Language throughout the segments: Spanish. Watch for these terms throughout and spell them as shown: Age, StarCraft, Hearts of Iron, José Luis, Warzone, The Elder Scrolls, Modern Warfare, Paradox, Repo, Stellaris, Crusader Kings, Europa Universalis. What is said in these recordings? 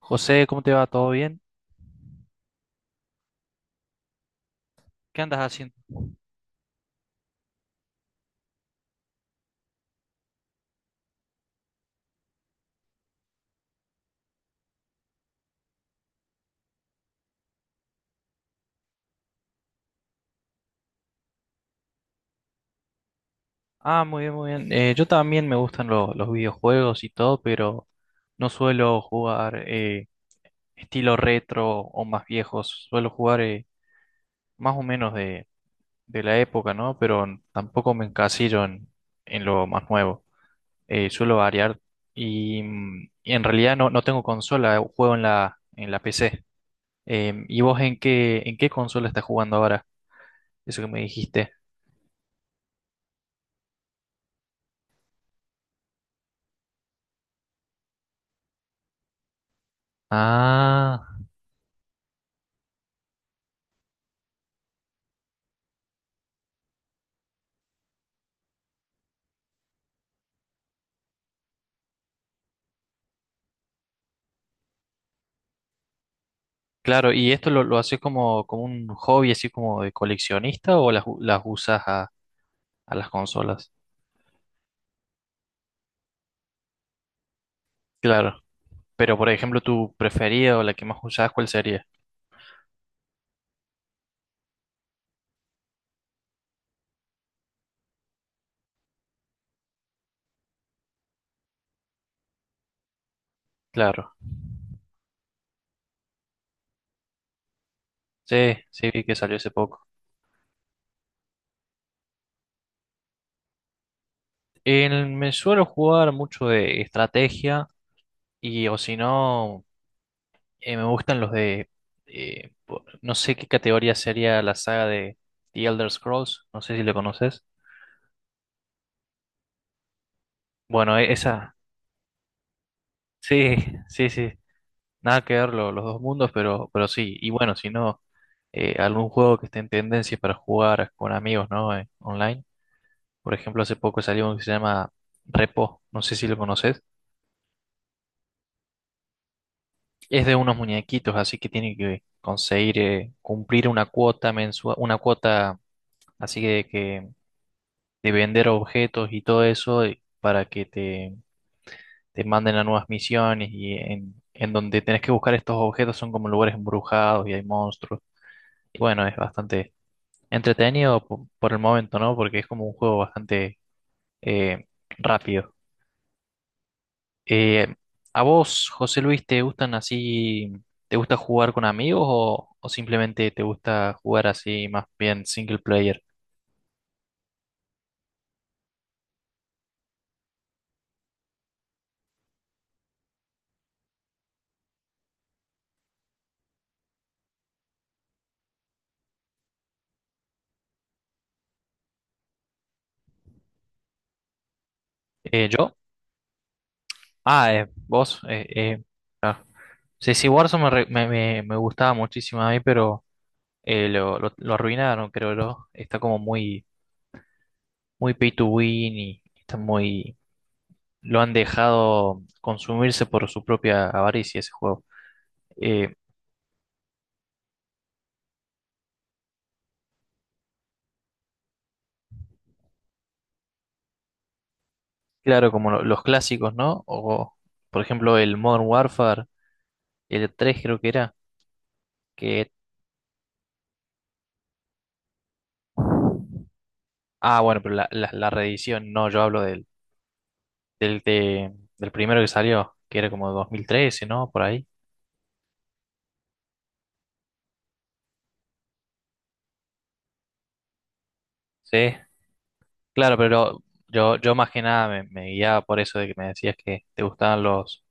José, ¿cómo te va? ¿Todo bien? ¿Qué andas haciendo? Ah, muy bien, muy bien. Yo también me gustan los videojuegos y todo, pero no suelo jugar estilo retro o más viejos. Suelo jugar más o menos de la época, ¿no? Pero tampoco me encasillo en lo más nuevo. Suelo variar y, y en realidad no tengo consola, juego en la PC. ¿Y vos en qué consola estás jugando ahora? Eso que me dijiste. Ah, claro, ¿y esto lo haces como, como un hobby, así como de coleccionista o las, las usas a las consolas? Claro, pero por ejemplo, tu preferida o la que más usás, ¿cuál sería? Claro, sí, sí, vi que salió hace poco. Me suelo jugar mucho de estrategia y o si no, me gustan los de, no sé qué categoría sería la saga de The Elder Scrolls, no sé si lo conoces. Bueno, esa, sí, sí, sí, nada que ver los dos mundos, pero sí, y bueno, si no, algún juego que esté en tendencia para jugar con amigos, ¿no? Online. Por ejemplo, hace poco salió uno que se llama Repo, no sé si lo conoces. Es de unos muñequitos, así que tienen que conseguir cumplir una cuota mensual, una cuota así de que de vender objetos y todo eso para que te manden a nuevas misiones y en donde tenés que buscar estos objetos son como lugares embrujados y hay monstruos. Y bueno, es bastante entretenido por, el momento, ¿no? Porque es como un juego bastante eh, rápido. Eh, ¿A vos, José Luis, te gustan así, te gusta jugar con amigos o simplemente te gusta jugar así más bien single player? ¿Yo? Ah, vos. Ah. Sí, sí, Warzone me, me, me gustaba muchísimo a mí, pero lo arruinaron, creo yo. Está como muy, muy pay to win y está muy, lo han dejado consumirse por su propia avaricia ese juego. Eh, claro, como los clásicos, ¿no? O, por ejemplo, el Modern Warfare, el E 3 creo que era, que... Ah, bueno, pero la reedición, no, yo hablo del, del primero que salió, que era como 2013, ¿no? Por ahí. Sí, claro, pero yo más que nada me, me guiaba por eso de que me decías que te gustaban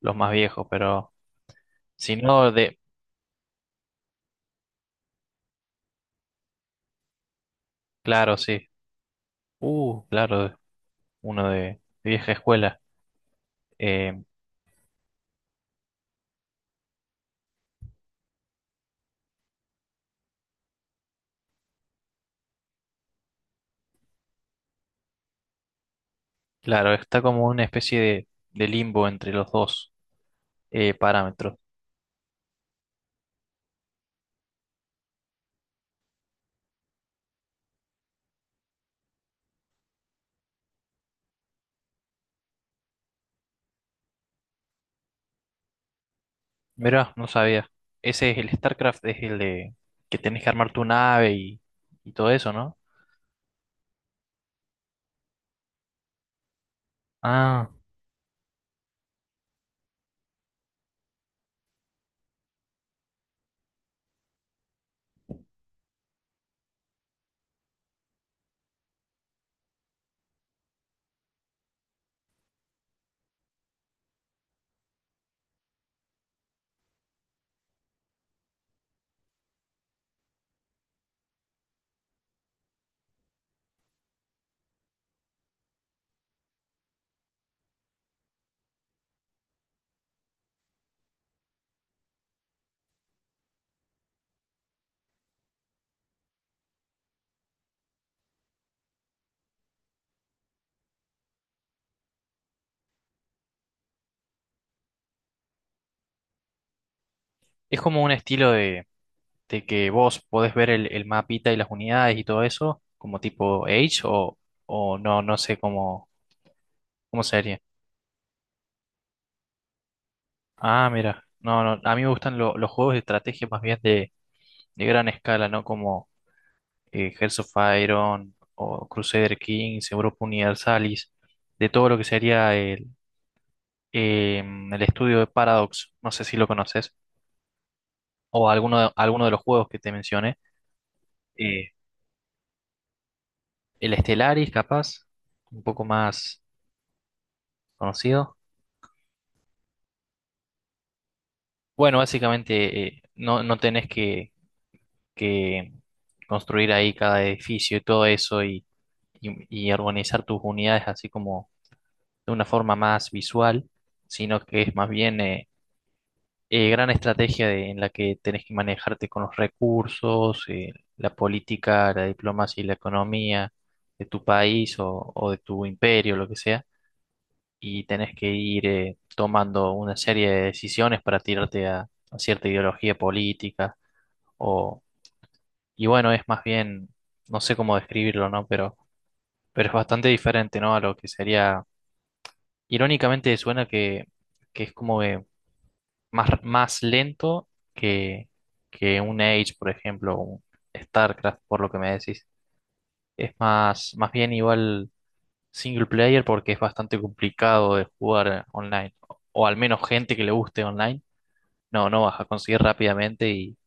los más viejos, pero si no de, claro, sí. Claro, uno de vieja escuela. Eh, claro, está como una especie de limbo entre los dos parámetros. Mirá, no sabía. Ese es el StarCraft, es el de que tenés que armar tu nave y todo eso, ¿no? Ah, es como un estilo de que vos podés ver el mapita y las unidades y todo eso, como tipo Age o no, no sé cómo, cómo sería. Ah, mira, no, no, a mí me gustan los juegos de estrategia más bien de gran escala, ¿no? Como Hearts of Iron o Crusader Kings, Europa Universalis, de todo lo que sería el, el estudio de Paradox, no sé si lo conoces, o alguno de los juegos que te mencioné, eh, el Stellaris, capaz, un poco más conocido. Bueno, básicamente no, no tenés que construir ahí cada edificio y todo eso y organizar tus unidades así como de una forma más visual, sino que es más bien gran estrategia en la que tenés que manejarte con los recursos, la política, la diplomacia y la economía de tu país o de tu imperio, lo que sea, y tenés que ir tomando una serie de decisiones para tirarte a cierta ideología política o, y bueno, es más bien, no sé cómo describirlo, ¿no? Pero es bastante diferente, ¿no? A lo que sería irónicamente suena que es como que más, más lento que, que un Age, por ejemplo, o un StarCraft, por lo que me decís. Es más, más bien igual single player porque es bastante complicado de jugar online. O al menos gente que le guste online, no, no vas a conseguir rápidamente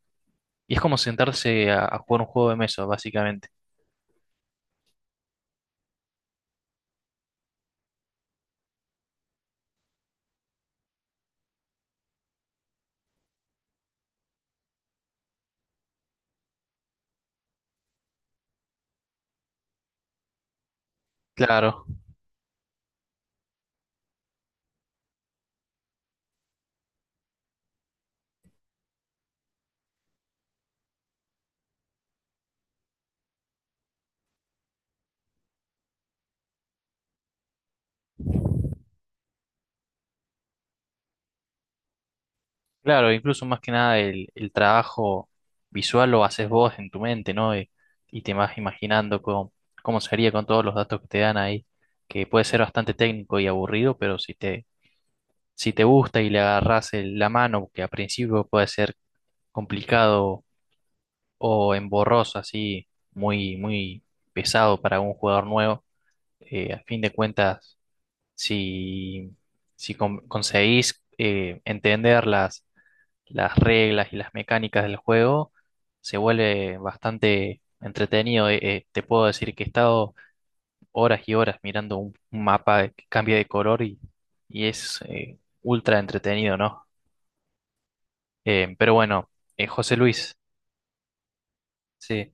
y es como sentarse a jugar un juego de mesa, básicamente. Claro. Claro, incluso más que nada el, el trabajo visual lo haces vos en tu mente, ¿no? Y te vas imaginando cómo, cómo sería con todos los datos que te dan ahí, que puede ser bastante técnico y aburrido, pero si te, si te gusta y le agarrás la mano, que a principio puede ser complicado o emborroso, así muy, muy pesado para un jugador nuevo, a fin de cuentas, si, si conseguís entender las reglas y las mecánicas del juego, se vuelve bastante entretenido. Te puedo decir que he estado horas y horas mirando un mapa que cambia de color y es ultra entretenido, ¿no? Pero bueno, José Luis, sí,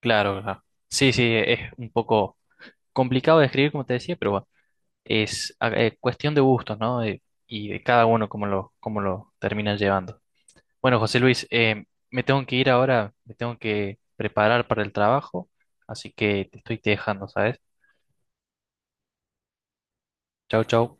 claro, claro. Sí, sí, es un poco complicado de escribir, como te decía, pero bueno, es cuestión de gustos, ¿no? Y de cada uno cómo lo terminan llevando. Bueno, José Luis, me tengo que ir ahora, me tengo que preparar para el trabajo, así que te estoy dejando, ¿sabes? Chau, chau.